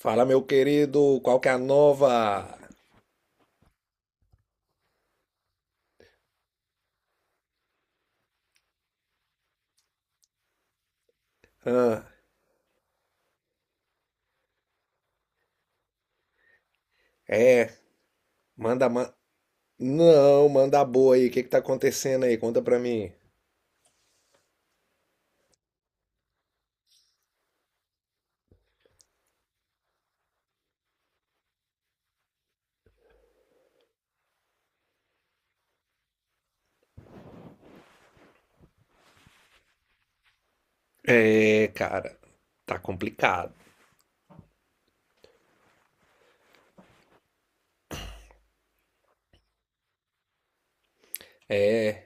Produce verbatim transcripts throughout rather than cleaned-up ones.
Fala, meu querido, qual que é a nova? Hã? É, manda, ma... não, manda a boa aí, o que que tá acontecendo aí? Conta pra mim. É, cara, tá complicado. É.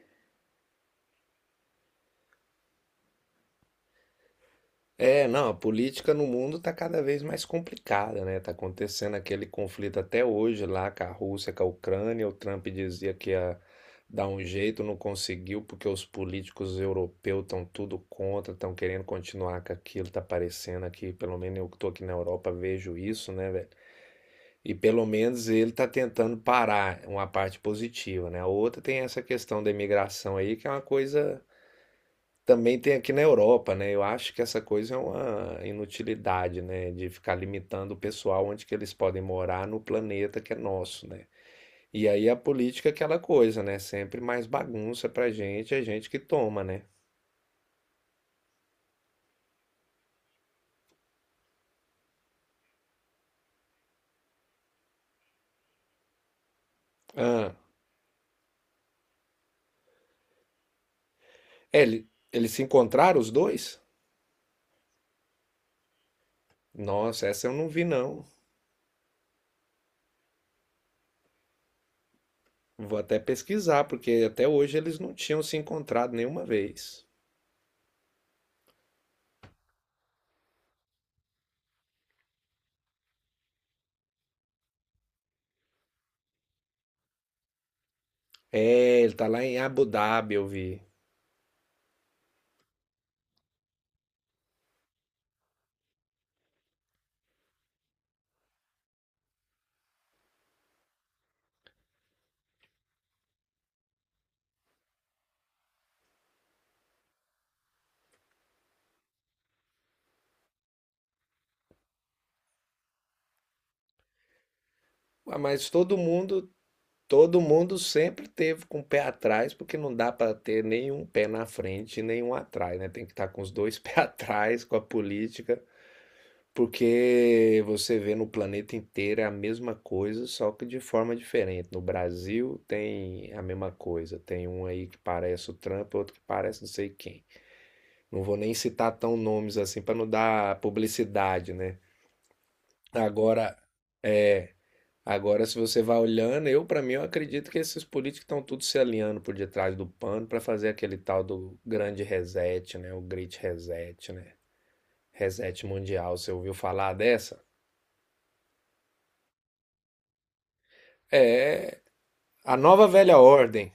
É, não, a política no mundo está cada vez mais complicada, né? Tá acontecendo aquele conflito até hoje lá com a Rússia, com a Ucrânia. O Trump dizia que ia dar um jeito, não conseguiu, porque os políticos europeus estão tudo contra, estão querendo continuar com aquilo. Tá parecendo aqui, pelo menos eu que tô aqui na Europa, vejo isso, né, velho? E pelo menos ele tá tentando parar, uma parte positiva, né? A outra tem essa questão da imigração aí, que é uma coisa também tem aqui na Europa, né? Eu acho que essa coisa é uma inutilidade, né? De ficar limitando o pessoal onde que eles podem morar no planeta que é nosso, né? E aí a política é aquela coisa, né? Sempre mais bagunça pra gente, é a gente que toma, né? Ah, é, ele- eles se encontraram os dois? Nossa, essa eu não vi, não. Vou até pesquisar, porque até hoje eles não tinham se encontrado nenhuma vez. É, ele tá lá em Abu Dhabi, eu vi. Ah, Mas todo mundo Todo mundo sempre teve com o pé atrás, porque não dá para ter nenhum pé na frente e nenhum atrás, né? Tem que estar com os dois pés atrás com a política, porque você vê no planeta inteiro é a mesma coisa, só que de forma diferente. No Brasil tem a mesma coisa, tem um aí que parece o Trump, outro que parece não sei quem. Não vou nem citar tão nomes assim para não dar publicidade, né? Agora, Agora, se você vai olhando, eu, para mim, eu acredito que esses políticos estão tudo se alinhando por detrás do pano para fazer aquele tal do grande reset, né? O Great Reset, né? Reset mundial. Você ouviu falar dessa? É a nova velha ordem.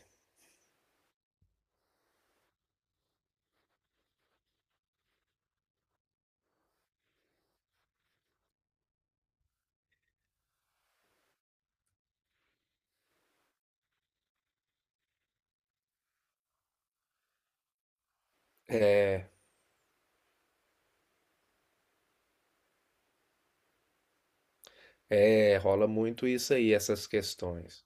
É, rola muito isso aí, essas questões.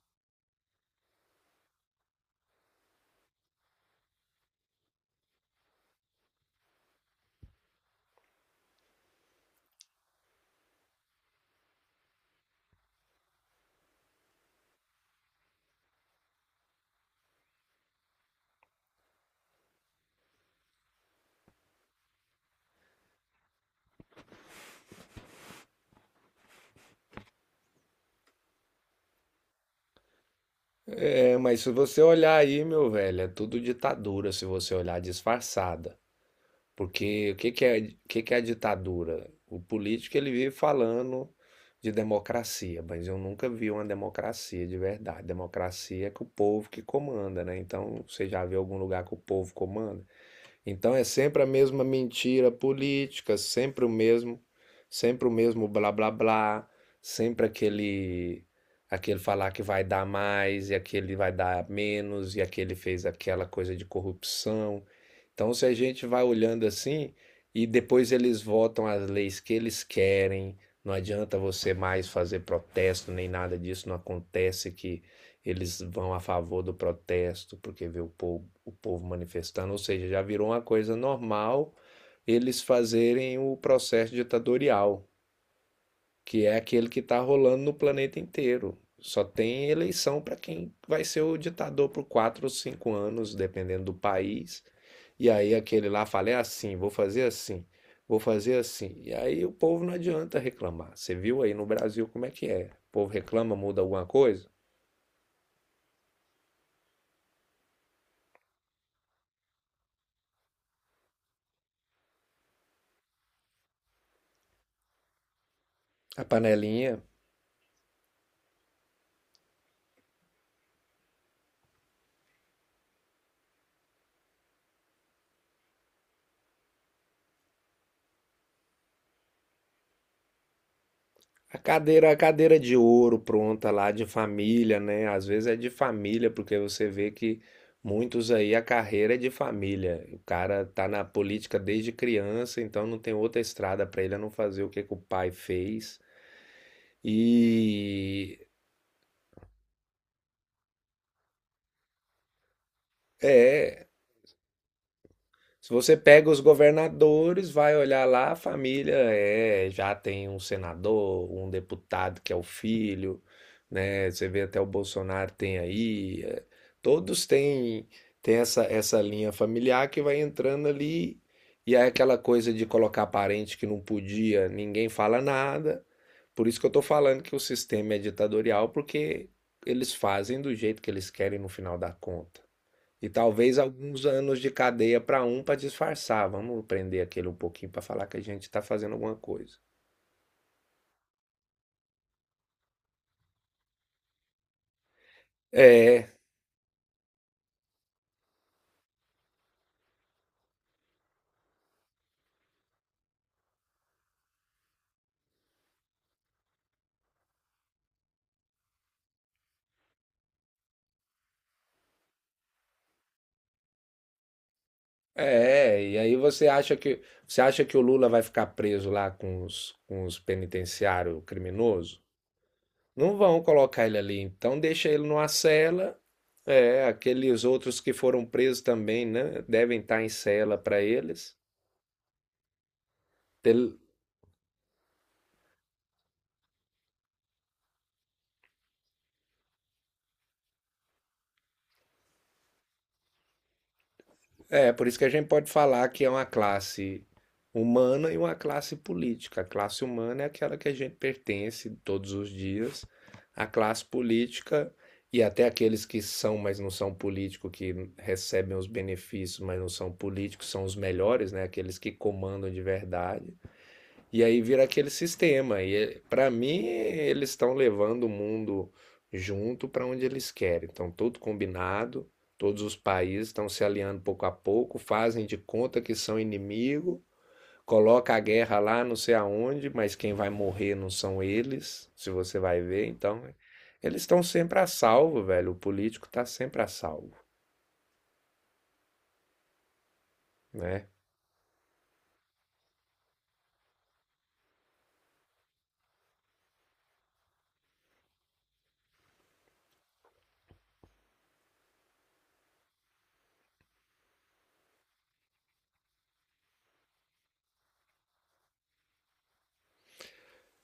É, mas se você olhar aí, meu velho, é tudo ditadura se você olhar disfarçada. Porque o que que é, o que que é a ditadura? O político ele vive falando de democracia, mas eu nunca vi uma democracia de verdade. Democracia é que o povo que comanda, né? Então, você já viu algum lugar que o povo comanda? Então é sempre a mesma mentira política, sempre o mesmo, sempre o mesmo blá blá blá, sempre aquele aquele falar que vai dar mais e aquele vai dar menos e aquele fez aquela coisa de corrupção. Então se a gente vai olhando assim e depois eles votam as leis que eles querem, não adianta você mais fazer protesto nem nada disso, não acontece que eles vão a favor do protesto, porque vê o povo, o povo manifestando, ou seja, já virou uma coisa normal eles fazerem o processo ditatorial, que é aquele que está rolando no planeta inteiro. Só tem eleição para quem vai ser o ditador por quatro ou cinco anos, dependendo do país. E aí aquele lá fala, é assim, vou fazer assim, vou fazer assim. E aí o povo não adianta reclamar. Você viu aí no Brasil como é que é? O povo reclama, muda alguma coisa? A panelinha A cadeira, a cadeira de ouro pronta lá de família, né? Às vezes é de família, porque você vê que muitos aí a carreira é de família. O cara tá na política desde criança, então não tem outra estrada para ele a não fazer o que que o pai fez. E é, Se você pega os governadores, vai olhar lá, a família é, já tem um senador, um deputado que é o filho, né? Você vê até o Bolsonaro tem aí, é, todos têm tem essa essa linha familiar que vai entrando ali e é aquela coisa de colocar parente que não podia, ninguém fala nada. Por isso que eu tô falando que o sistema é ditatorial, porque eles fazem do jeito que eles querem no final da conta. E talvez alguns anos de cadeia para um para disfarçar. Vamos prender aquele um pouquinho para falar que a gente está fazendo alguma coisa. É, é. E aí você acha que você acha que o Lula vai ficar preso lá com os, com os penitenciários criminosos? Não vão colocar ele ali. Então deixa ele numa cela. É, aqueles outros que foram presos também, né? Devem estar em cela para eles. É, por isso que a gente pode falar que é uma classe humana e uma classe política. A classe humana é aquela que a gente pertence todos os dias. A classe política, e até aqueles que são, mas não são políticos, que recebem os benefícios, mas não são políticos, são os melhores, né? Aqueles que comandam de verdade. E aí vira aquele sistema. E para mim, eles estão levando o mundo junto para onde eles querem. Então, tudo combinado, todos os países estão se aliando pouco a pouco, fazem de conta que são inimigo, coloca a guerra lá não sei aonde, mas quem vai morrer não são eles, se você vai ver. Então, eles estão sempre a salvo, velho. O político está sempre a salvo, né?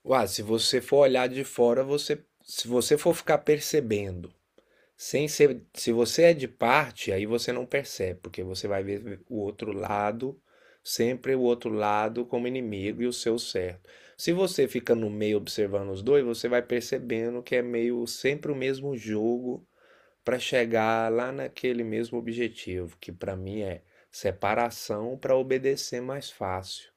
Ué, se você for olhar de fora, você, se você for ficar percebendo sem ser, se você é de parte, aí você não percebe, porque você vai ver o outro lado, sempre o outro lado como inimigo e o seu certo. Se você fica no meio observando os dois, você vai percebendo que é meio sempre o mesmo jogo para chegar lá naquele mesmo objetivo, que para mim é separação para obedecer mais fácil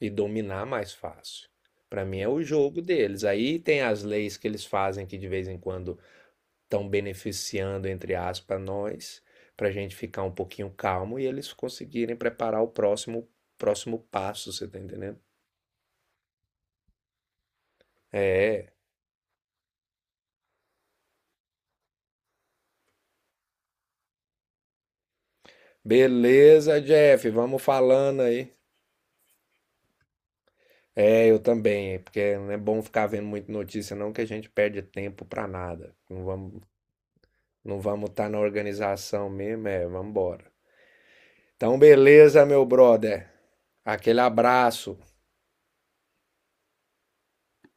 e dominar mais fácil. Para mim é o jogo deles. Aí tem as leis que eles fazem que de vez em quando estão beneficiando, entre aspas, nós, para a gente ficar um pouquinho calmo e eles conseguirem preparar o próximo, próximo passo, você tá entendendo? É. Beleza, Jeff, vamos falando aí. É, eu também, porque não é bom ficar vendo muita notícia, não, que a gente perde tempo pra nada. Não vamos, não vamos estar na organização mesmo, é, vamos embora. Então, beleza, meu brother. Aquele abraço.